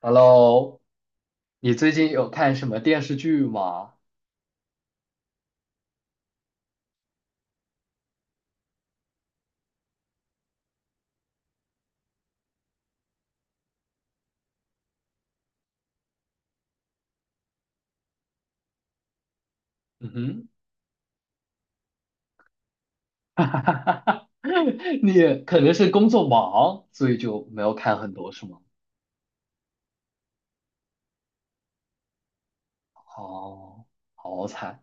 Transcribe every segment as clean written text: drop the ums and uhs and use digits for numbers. Hello，你最近有看什么电视剧吗？嗯哼，你可能是工作忙，所以就没有看很多，是吗？哦，好惨。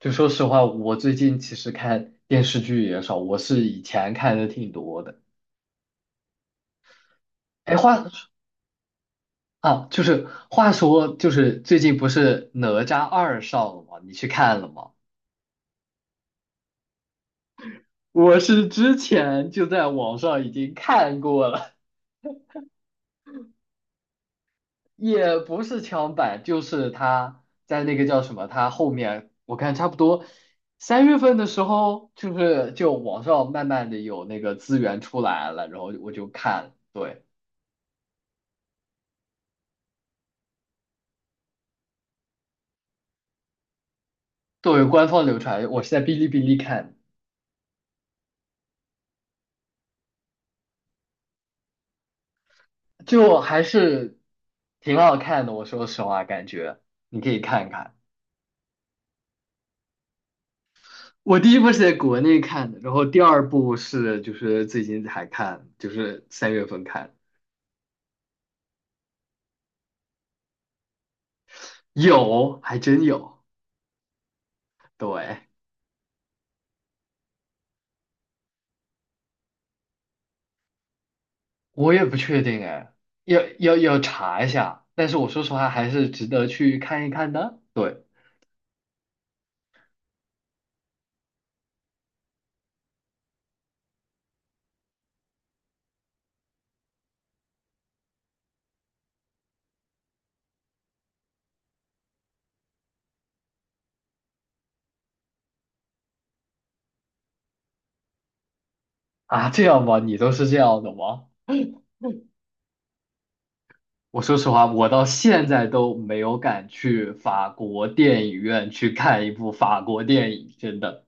就说实话，我最近其实看电视剧也少，我是以前看的挺多的。哎，话啊，就是话说，就是最近不是《哪吒二》上了吗？你去看了吗？我是之前就在网上已经看过了。也不是枪版，就是他在那个叫什么，他后面我看差不多三月份的时候，就是就网上慢慢的有那个资源出来了，然后我就看，对，作为官方流传，我是在哔哩哔哩看，就还是挺好看的，我说实话，感觉你可以看看。我第一部是在国内看的，然后第二部是就是最近才看，就是三月份看，有，还真有，对。我也不确定哎，要查一下。但是我说实话，还是值得去看一看的。对啊，这样吧，你都是这样的吗？我说实话，我到现在都没有敢去法国电影院去看一部法国电影，真的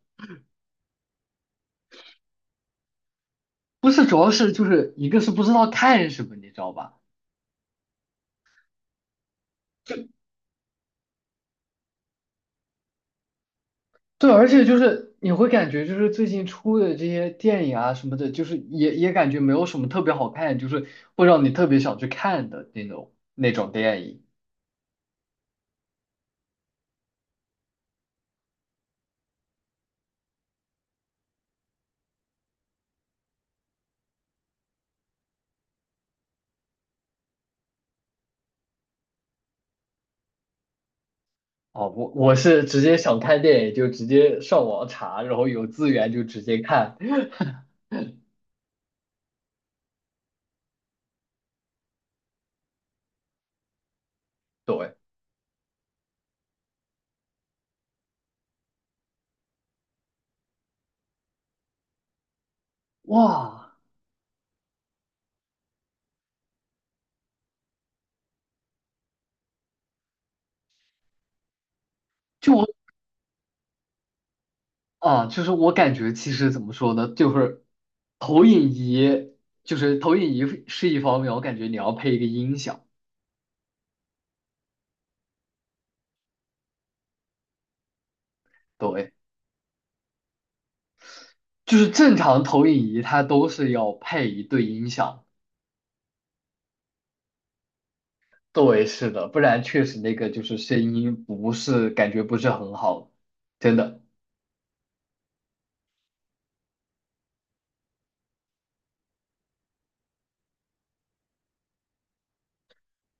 不是，主要是就是一个是不知道看什么，你知道吧？对，而且就是你会感觉，就是最近出的这些电影啊什么的，就是也感觉没有什么特别好看，就是会让你特别想去看的那种电影。哦，我是直接想看电影就直接上网查，然后有资源就直接看。对，哇，就我啊，就是我感觉其实怎么说呢，就是投影仪，就是投影仪是一方面，我感觉你要配一个音响，对。就是正常投影仪它都是要配一对音响，对，是的，不然确实那个就是声音不是感觉不是很好，真的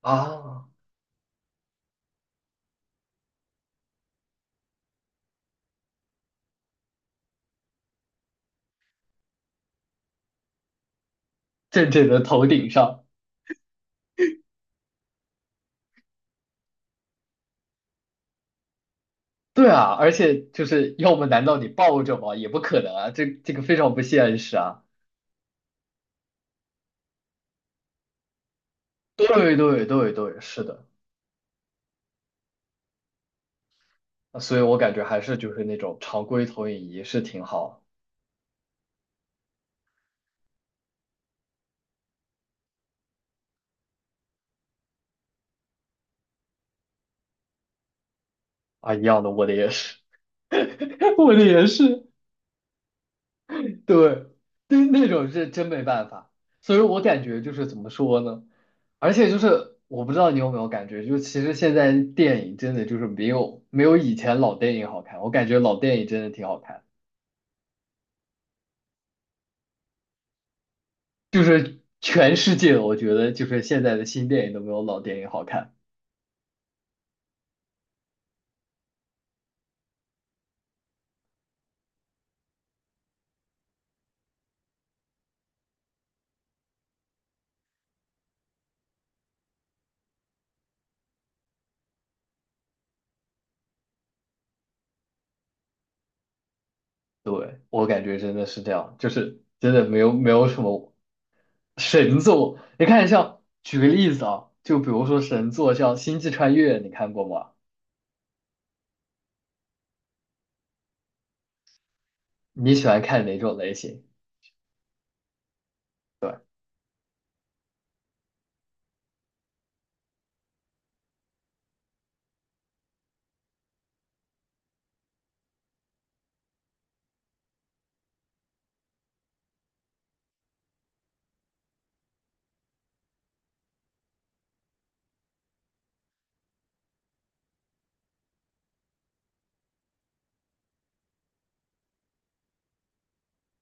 啊，正正的头顶上，对啊，而且就是要么难道你抱着吗？也不可能啊，这个非常不现实啊，对对对对，是的，啊所以我感觉还是就是那种常规投影仪是挺好啊，一样的，我的也是，我的也是，对，对那种是真没办法，所以我感觉就是怎么说呢？而且就是我不知道你有没有感觉，就其实现在电影真的就是没有以前老电影好看，我感觉老电影真的挺好看，就是全世界我觉得就是现在的新电影都没有老电影好看，对，我感觉真的是这样，就是真的没有什么神作，你看像举个例子啊，就比如说神作像《星际穿越》，你看过吗？你喜欢看哪种类型？对。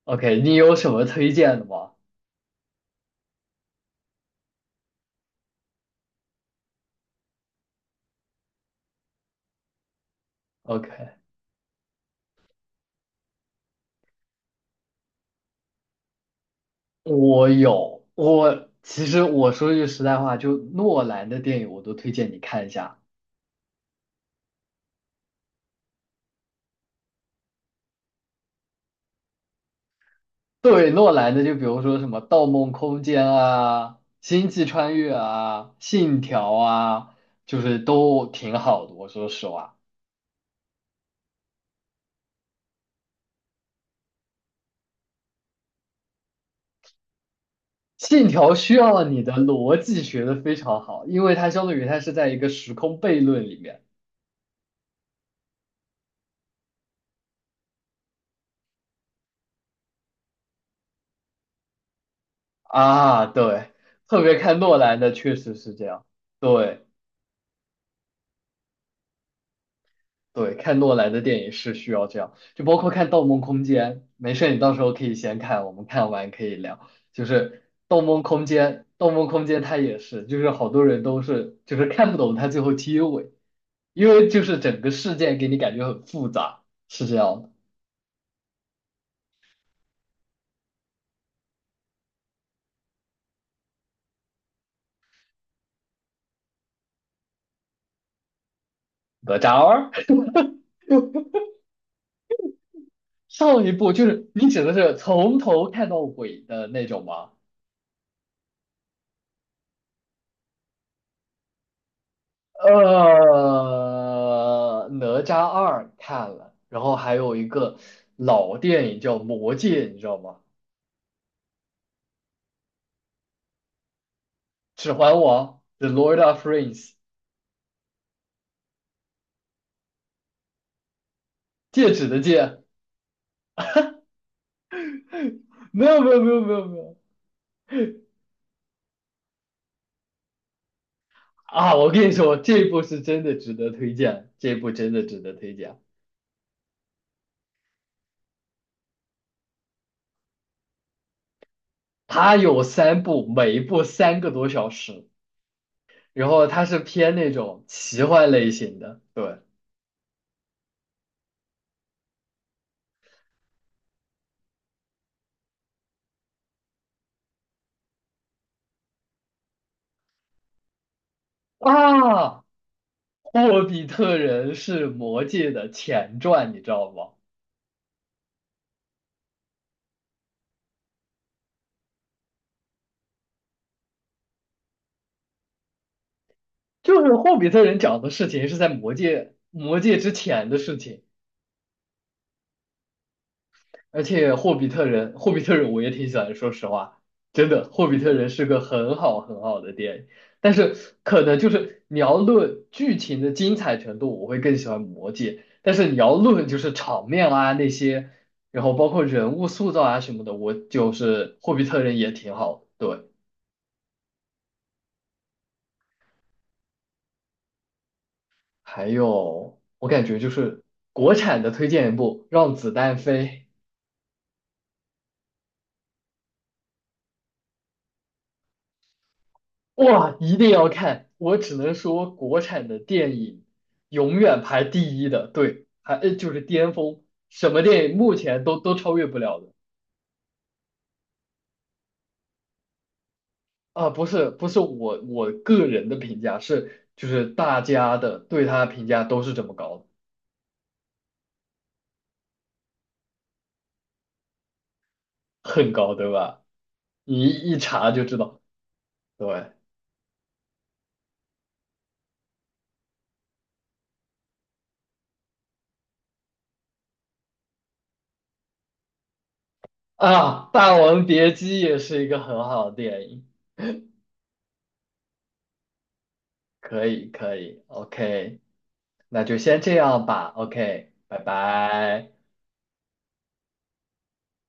OK，你有什么推荐的吗？OK，我有，我其实我说句实在话，就诺兰的电影我都推荐你看一下。对，诺兰的就比如说什么《盗梦空间》啊，《星际穿越》啊，《信条》啊，就是都挺好的。我说实话，《信条》需要你的逻辑学的非常好，因为它相当于它是在一个时空悖论里面啊。对，特别看诺兰的确实是这样。对。对，看诺兰的电影是需要这样，就包括看《盗梦空间》。没事，你到时候可以先看，我们看完可以聊。就是《盗梦空间》，《盗梦空间》它也是，就是好多人都是就是看不懂它最后结尾，因为就是整个事件给你感觉很复杂，是这样的。哪吒二 上一部就是你指的是从头看到尾的那种吗？哪吒二看了，然后还有一个老电影叫《魔戒》，你知道吗？《指环王》The Lord of Rings，戒指的戒。没有没有没有没有没有啊！我跟你说，这部是真的值得推荐，这部真的值得推荐。它有三部，每一部三个多小时，然后它是偏那种奇幻类型的。对啊，《霍比特人》是《魔戒》的前传，你知道吗？就是霍比特人讲的事情是在魔界之前的事情，而且霍比特人我也挺喜欢的说实话，真的霍比特人是个很好很好的电影，但是可能就是你要论剧情的精彩程度，我会更喜欢魔界，但是你要论就是场面啊那些，然后包括人物塑造啊什么的，我就是霍比特人也挺好的对，还有我感觉就是国产的推荐一部《让子弹飞》。哇，一定要看！我只能说，国产的电影永远排第一的，对，还就是巅峰，什么电影目前都超越不了的啊！不是不是我个人的评价，是就是大家的对他的评价都是这么高的，很高，对吧？你一一查就知道，对啊，《霸王别姬》也是一个很好的电影，可以可以，OK，那就先这样吧，OK，拜拜。